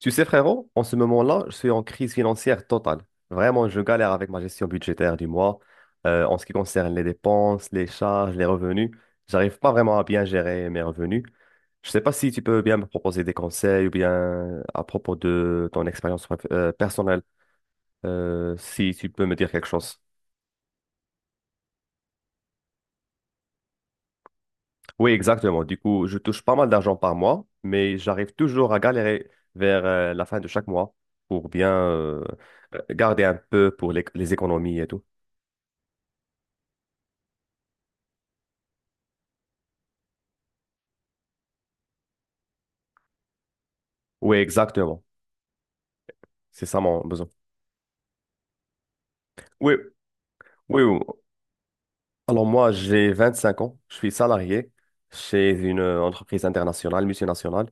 Tu sais, frérot, en ce moment-là, je suis en crise financière totale. Vraiment, je galère avec ma gestion budgétaire du mois. En ce qui concerne les dépenses, les charges, les revenus, j'arrive pas vraiment à bien gérer mes revenus. Je sais pas si tu peux bien me proposer des conseils ou bien à propos de ton expérience personnelle, si tu peux me dire quelque chose. Oui, exactement. Du coup, je touche pas mal d'argent par mois, mais j'arrive toujours à galérer vers la fin de chaque mois pour bien garder un peu pour les économies et tout. Oui, exactement. C'est ça mon besoin. Oui, oui, oui. Alors moi, j'ai 25 ans. Je suis salarié chez une entreprise internationale, multinationale.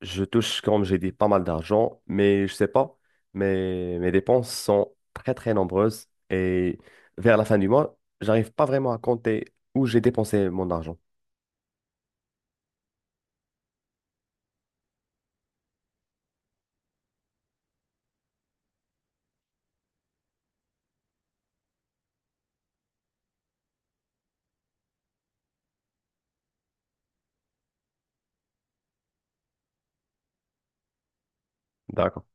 Je touche, comme j'ai dit, pas mal d'argent, mais je sais pas, mes dépenses sont très, très nombreuses. Et vers la fin du mois, j'arrive pas vraiment à compter où j'ai dépensé mon argent. D'accord,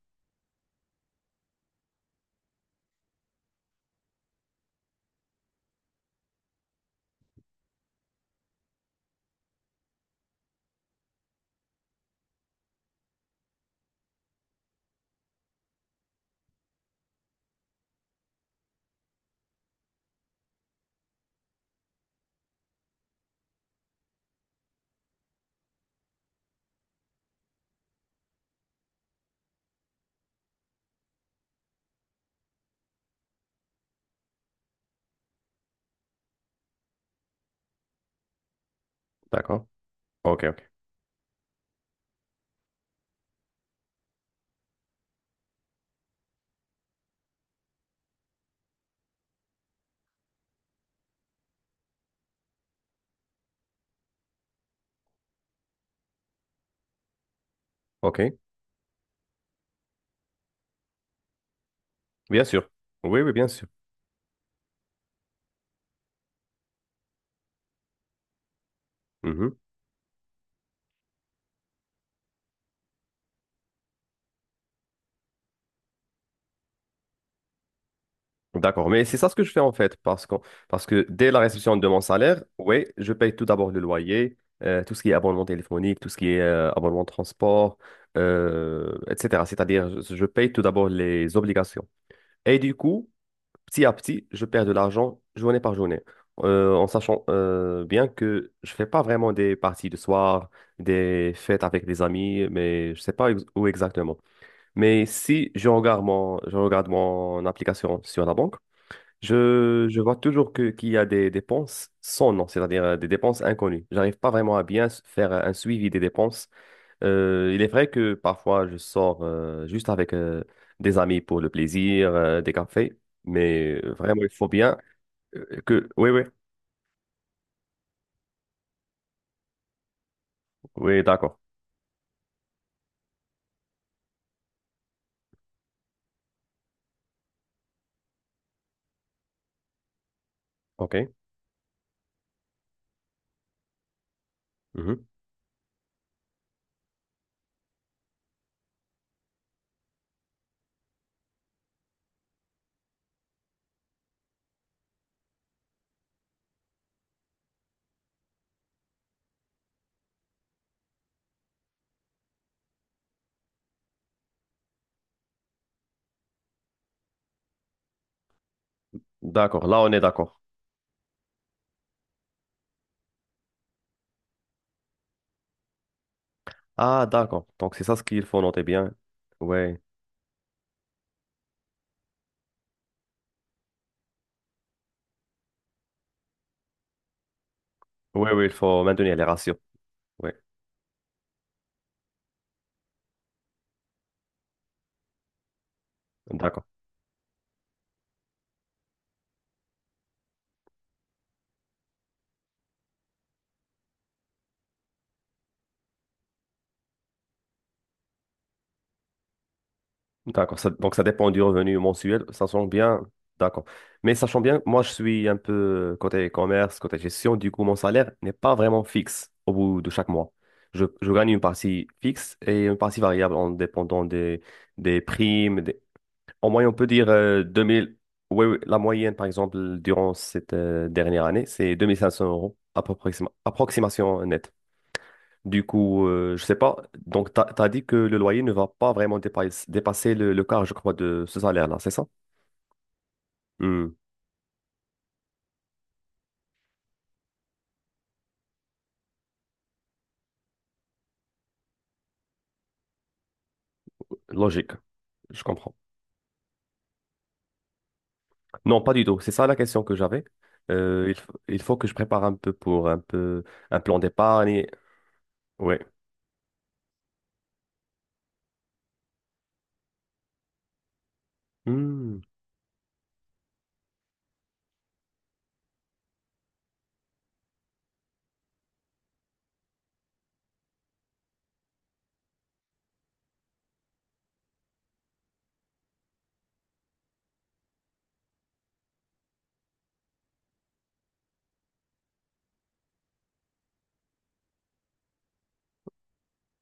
d'accord. Ok, ok. Ok, bien sûr. Oui, oui, bien sûr. Mhm. D'accord, mais c'est ça ce que je fais en fait, parce que dès la réception de mon salaire, oui, je paye tout d'abord le loyer, tout ce qui est abonnement téléphonique, tout ce qui est abonnement de transport, etc. C'est-à-dire, je paye tout d'abord les obligations. Et du coup, petit à petit, je perds de l'argent journée par journée. En sachant bien que je fais pas vraiment des parties de soir, des fêtes avec des amis, mais je sais pas où exactement. Mais si je regarde je regarde mon application sur la banque, je vois toujours qu'il y a des dépenses sans nom, c'est-à-dire des dépenses inconnues. J'arrive pas vraiment à bien faire un suivi des dépenses. Il est vrai que parfois je sors juste avec des amis pour le plaisir, des cafés, mais vraiment il faut bien Oui, oui, oui, d'accord. OK. Mhm. D'accord, là on est d'accord. Ah, d'accord. Donc c'est ça ce qu'il faut noter bien. Oui, oui, oui, il faut maintenir les ratios. Oui, d'accord. D'accord, ça- donc ça dépend du revenu mensuel, ça sent bien, d'accord. Mais sachant bien, moi je suis un peu côté commerce, côté gestion, du coup mon salaire n'est pas vraiment fixe au bout de chaque mois. Je gagne une partie fixe et une partie variable en dépendant des primes, en moyenne on peut dire 2000. Oui, oui, la moyenne, par exemple, durant cette dernière année, c'est 2500 euros, approximation nette. Du coup, je sais pas. Donc, dit que le loyer ne va pas vraiment dépasser le quart, je crois, de ce salaire-là, c'est ça? Hmm, logique. Je comprends. Non, pas du tout. C'est ça la question que j'avais. Il faut que je prépare un peu pour un peu un plan d'épargne. Oui. Hmm.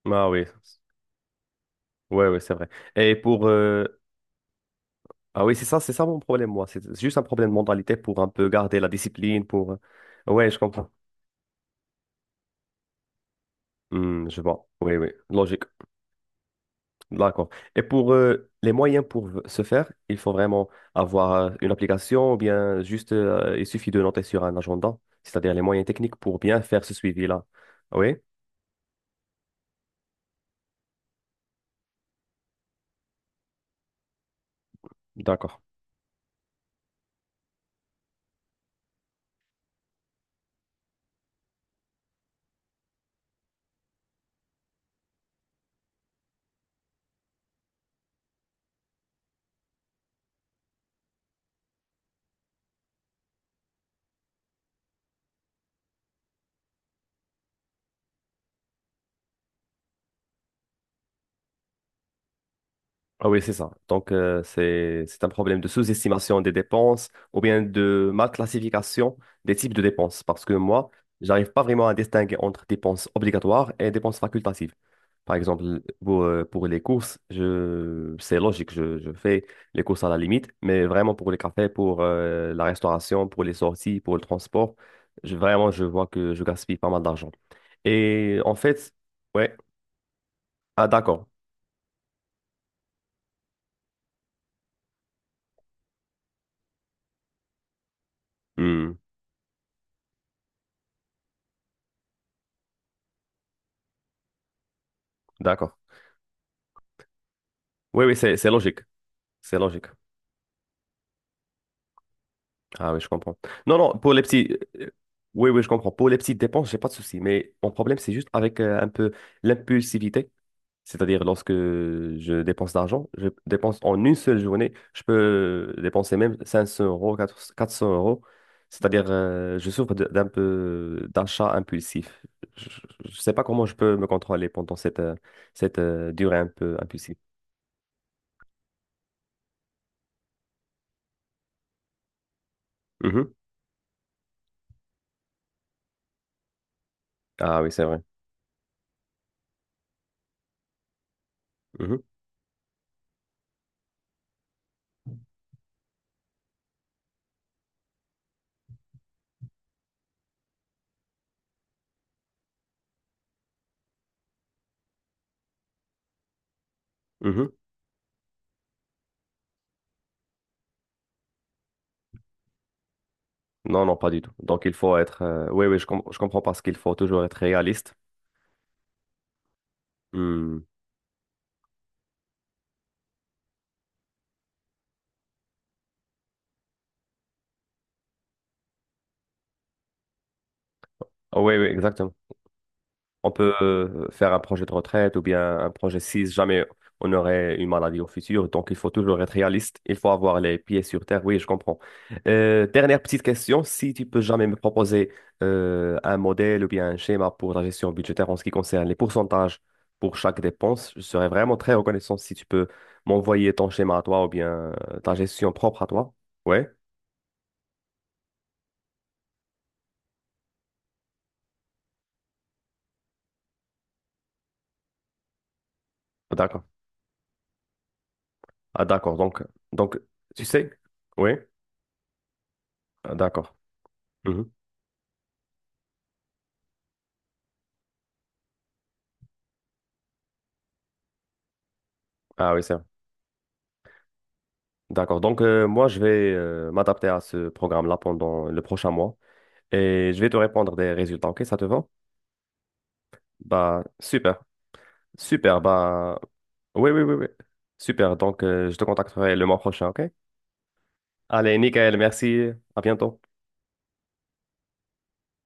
Ah oui. Ouais, ouais, c'est vrai. Et pour Ah oui, c'est ça mon problème, moi. C'est juste un problème de mentalité pour un peu garder la discipline, Ouais, je comprends. Hmm, je vois. Oui, oui, logique. D'accord. Et pour les moyens pour se faire, il faut vraiment avoir une application ou bien juste, il suffit de noter sur un agenda, c'est-à-dire les moyens techniques pour bien faire ce suivi-là. Oui, d'accord. Ah oui, c'est ça. Donc, c'est un problème de sous-estimation des dépenses ou bien de mal classification des types de dépenses. Parce que moi, j'arrive pas vraiment à distinguer entre dépenses obligatoires et dépenses facultatives. Par exemple, pour les courses, c'est logique, je fais les courses à la limite, mais vraiment pour les cafés, pour la restauration, pour les sorties, pour le transport, vraiment, je vois que je gaspille pas mal d'argent. Et en fait, ouais, ah d'accord. Hmm, d'accord. Oui, oui, c'est logique. C'est logique. Ah oui, je comprends. Non, non, pour les petits... Oui, oui, je comprends. Pour les petites dépenses, j'ai pas de souci. Mais mon problème, c'est juste avec un peu l'impulsivité. C'est-à-dire, lorsque je dépense d'argent, je dépense en une seule journée, je peux dépenser même 500 euros, 400 euros. C'est-à-dire, je souffre d'un peu d'achat impulsif. Je ne sais pas comment je peux me contrôler pendant cette durée un peu impulsive. Mhm. Ah oui, c'est vrai. Mhm. Mhm. Non, non, pas du tout. Donc, il faut être. Oui, oui, je comprends parce qu'il faut toujours être réaliste. Hmm. Ah oui, oui, exactement. On peut faire un projet de retraite ou bien un projet si jamais on aurait une maladie au futur. Donc, il faut toujours être réaliste. Il faut avoir les pieds sur terre. Oui, je comprends. Dernière petite question. Si tu peux jamais me proposer un modèle ou bien un schéma pour la gestion budgétaire en ce qui concerne les pourcentages pour chaque dépense, je serais vraiment très reconnaissant si tu peux m'envoyer ton schéma à toi ou bien ta gestion propre à toi. Oui. Ah, d'accord. Ah, d'accord. Donc, tu sais, oui. Ah, d'accord. Mhm. Ah oui, c'est vrai. D'accord. Donc, moi, je vais m'adapter à ce programme-là pendant le prochain mois et je vais te répondre des résultats. OK, ça te va? Bah, super. Super. Bah, oui, oui, oui, oui. Super. Donc, je te contacterai le mois prochain. OK? Allez, nickel. Merci. À bientôt.